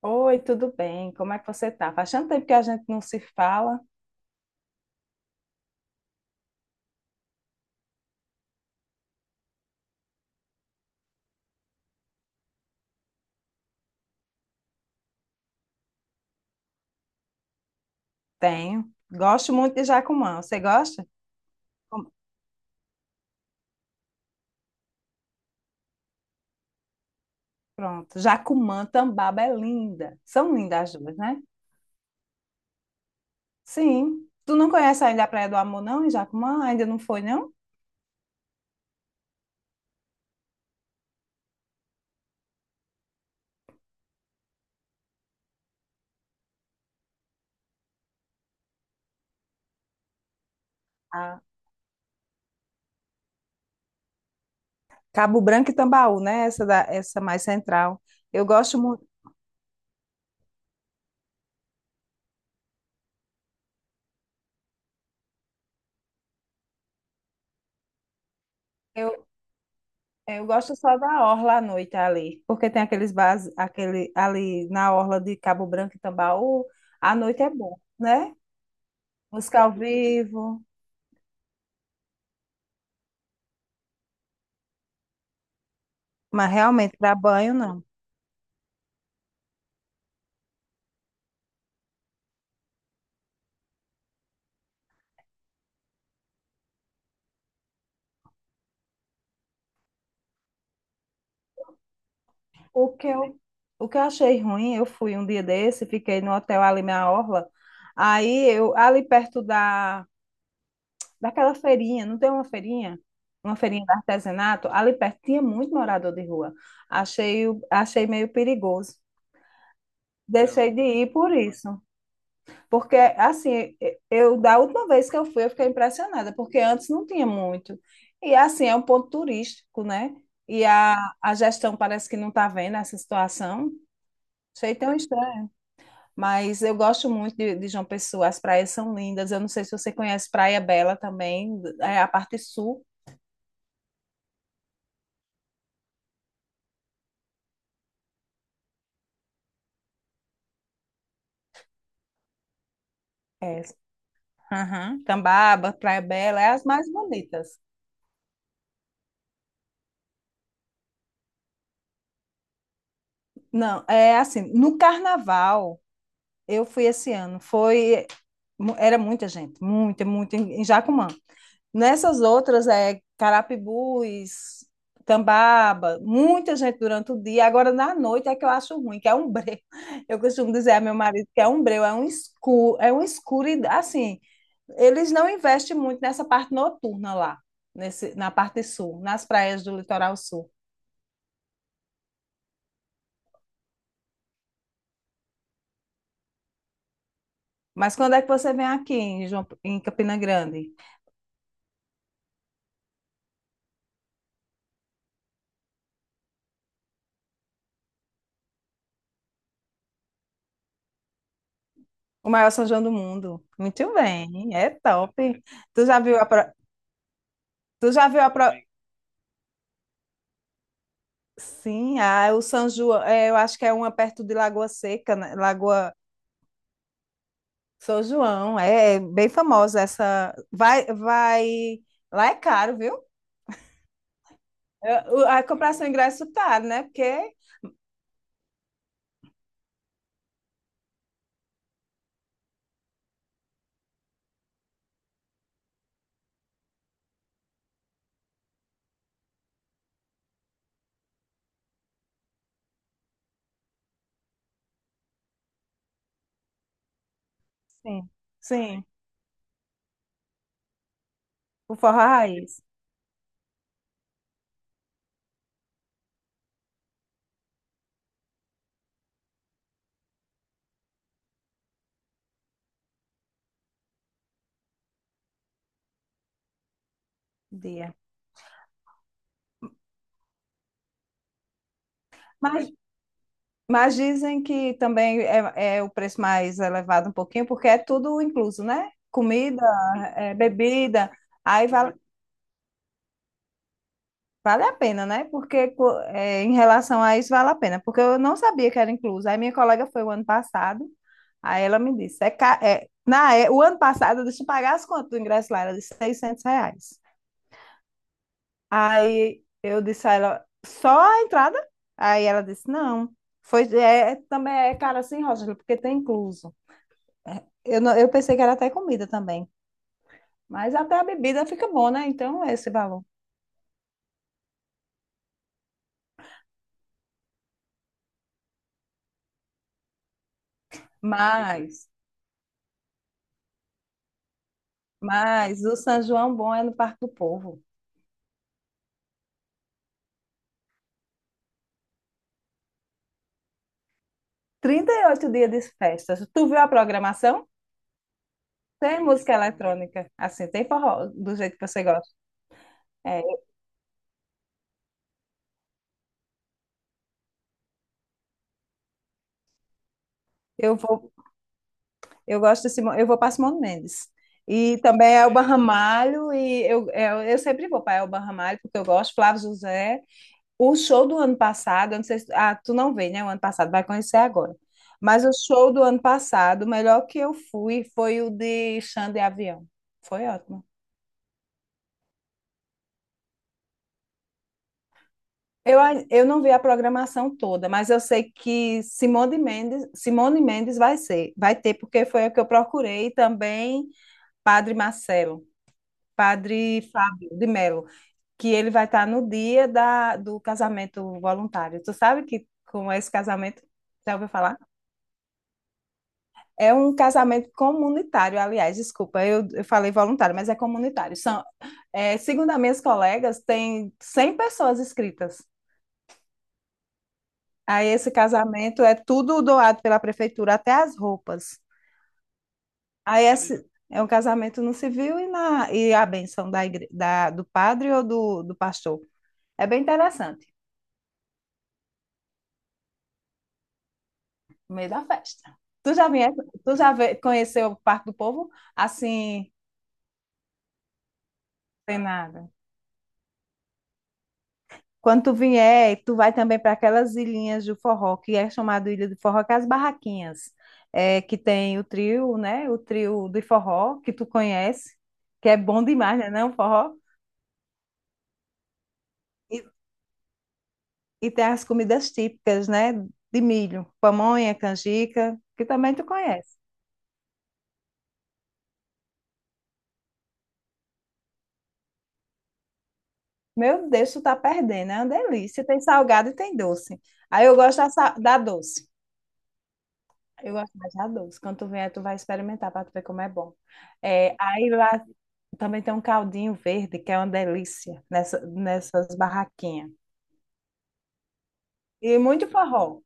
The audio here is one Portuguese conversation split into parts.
Oi, tudo bem? Como é que você tá? Faz tanto tempo que a gente não se fala. Tenho. Gosto muito de Jacumã. Você gosta? Com- Pronto. Jacumã, Tambaba é linda. São lindas as duas, né? Sim. Tu não conhece ainda a Praia do Amor, não, em Jacumã? Ainda não foi, não? Ah, Cabo Branco e Tambaú, né? Essa mais central. Eu gosto muito. Eu, eu gosto só da orla à noite ali, porque tem aqueles bares, aquele ali na orla de Cabo Branco e Tambaú, à noite é bom, né? Música ao vivo. Mas realmente, para banho, não. O que eu, o que eu achei ruim, eu fui um dia desse, fiquei no hotel ali na Orla. Aí eu, ali perto da, daquela feirinha, não tem uma feirinha? Uma feirinha de artesanato, ali perto tinha muito morador de rua. Achei meio perigoso. Deixei de ir por isso. Porque, assim, eu da última vez que eu fui, eu fiquei impressionada, porque antes não tinha muito. E, assim, é um ponto turístico, né? E a, a gestão parece que não está vendo essa situação. Achei tão estranho. Mas eu gosto muito de João Pessoa, as praias são lindas. Eu não sei se você conhece Praia Bela também, é a parte sul. É. Aham. Tambaba, Praia Bela, é as mais bonitas. Não, é assim, no carnaval. Eu fui esse ano. Foi era muita gente, muita, muita em Jacumã. Nessas outras é Carapibus, Tambaba, muita gente durante o dia. Agora, na noite, é que eu acho ruim, que é um breu. Eu costumo dizer a meu marido que é um breu, é um escuro, e, assim, eles não investem muito nessa parte noturna lá, na parte sul, nas praias do litoral sul. Mas quando é que você vem aqui em, em Campina Grande? O maior São João do mundo. Muito bem, é top. Tu já viu a pro... Tu já viu a pro... Sim, ah, o São João, é, eu acho que é uma perto de Lagoa Seca, né? Lagoa São João, é, é bem famosa essa. Vai, vai. Lá é caro, viu? A comprar seu ingresso é caro, né? Porque. Sim, sim. O forró raiz. Dia. Mas Mas dizem que também é o preço mais elevado um pouquinho, porque é tudo incluso, né? Comida, é, bebida, aí vale, vale a pena, né? Porque em relação a isso vale a pena, porque eu não sabia que era incluso. Aí minha colega foi o ano passado, aí ela me disse, o ano passado deixa eu pagar as contas do ingresso lá, era de R$ 600. Aí eu disse a ela, só a entrada? Aí ela disse, não, também é caro assim, Rosângela, porque tem incluso. Eu, não- eu pensei que era até comida também, mas até a bebida fica bom, né? Então é esse valor. Mas, mas o São João bom é no Parque do Povo. 38 dias de festas. Tu viu a programação? Tem música eletrônica, assim, tem forró, do jeito que você gosta. É, eu vou, eu gosto de Simão, eu vou para Simone Mendes. E também Elba Ramalho, e eu sempre vou para Elba Ramalho, porque eu gosto, Flávio José. O show do ano passado, eu não sei se, ah, tu não vê, né? O ano passado, vai conhecer agora. Mas o show do ano passado, o melhor que eu fui foi o de Xande Avião. Foi ótimo. Eu não vi a programação toda, mas eu sei que Simone Mendes vai ser, vai ter, porque foi o que eu procurei, e também Padre Marcelo, Padre Fábio de Melo, que ele vai estar no dia do casamento voluntário. Tu sabe que como é esse casamento? Já ouviu falar? É um casamento comunitário, aliás, desculpa, eu falei voluntário, mas é comunitário. Segundo as minhas colegas, tem 100 pessoas inscritas. Aí esse casamento é tudo doado pela prefeitura, até as roupas. Aí esse é um casamento no civil e a bênção do padre ou do pastor. É bem interessante, no meio da festa. Tu já, vier, tu já conheceu o Parque do Povo? Assim, tem nada. Quando tu vier, tu vai também para aquelas ilhinhas do forró, que é chamado Ilha do Forró, que é as barraquinhas, é, que tem o trio, né? O trio de forró, que tu conhece, que é bom demais, né? Não, forró? E, e tem as comidas típicas, né? De milho, pamonha, canjica, que também tu conhece. Meu Deus, tu tá perdendo, é uma delícia. Tem salgado e tem doce. Aí eu gosto da, sa- da doce. Eu gosto mais da doce. Quando tu vier, tu vai experimentar para tu ver como é bom. É, aí lá Também tem um caldinho verde, que é uma delícia, nessas barraquinhas. E muito forró.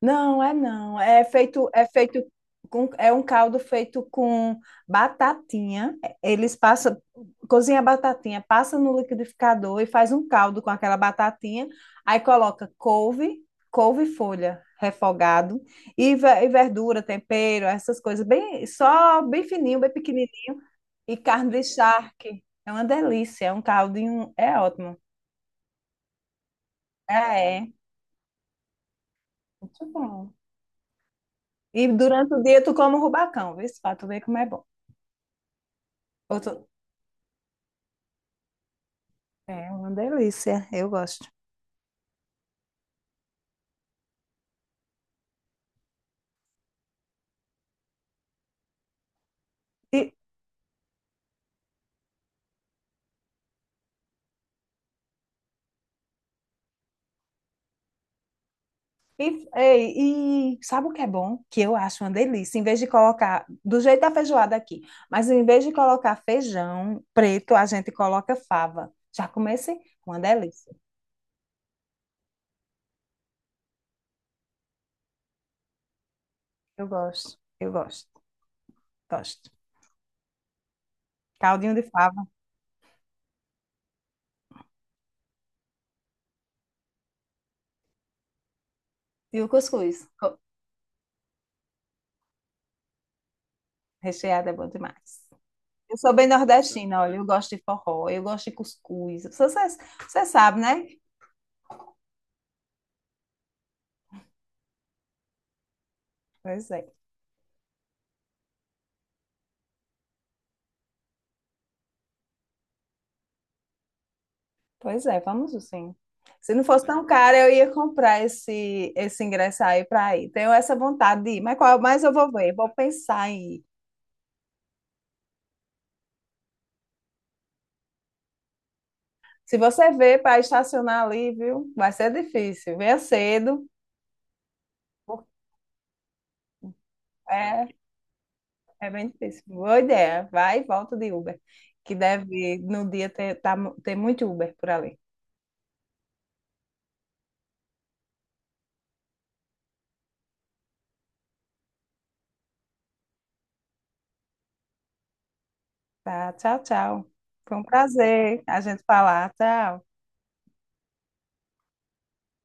Não, é não. É feito é um caldo feito com batatinha. Eles passam, cozinha a batatinha, passa no liquidificador e faz um caldo com aquela batatinha. Aí coloca couve, couve-folha refogado e verdura, tempero, essas coisas bem, só bem fininho, bem pequenininho. E carne de charque. É uma delícia. É um caldinho. É ótimo. É, é. Muito bom. E durante o dia tu come o rubacão, viu? Pra tu ver como é bom. Ou É uma delícia. Eu gosto. E, e sabe o que é bom? Que eu acho uma delícia. Em vez de colocar. Do jeito da feijoada aqui. Mas em vez de colocar feijão preto, a gente coloca fava. Já comecei? Uma delícia. Eu gosto. Gosto. Caldinho de fava. E o cuscuz. Recheado é bom demais. Eu sou bem nordestina, olha, eu gosto de forró, eu gosto de cuscuz. Você você sabe, né? Pois é, pois é, vamos sim. Se não fosse tão caro, eu ia comprar esse ingresso aí para ir. Tenho essa vontade de ir, mas qual mais eu vou ver? Vou pensar em ir. Se você vê para estacionar ali, viu? Vai ser difícil. Venha cedo. É, é bem difícil. Boa ideia. Vai e volta de Uber, que deve no dia ter, ter muito Uber por ali. Tá, tchau, tchau. Foi um prazer a gente falar. Tchau.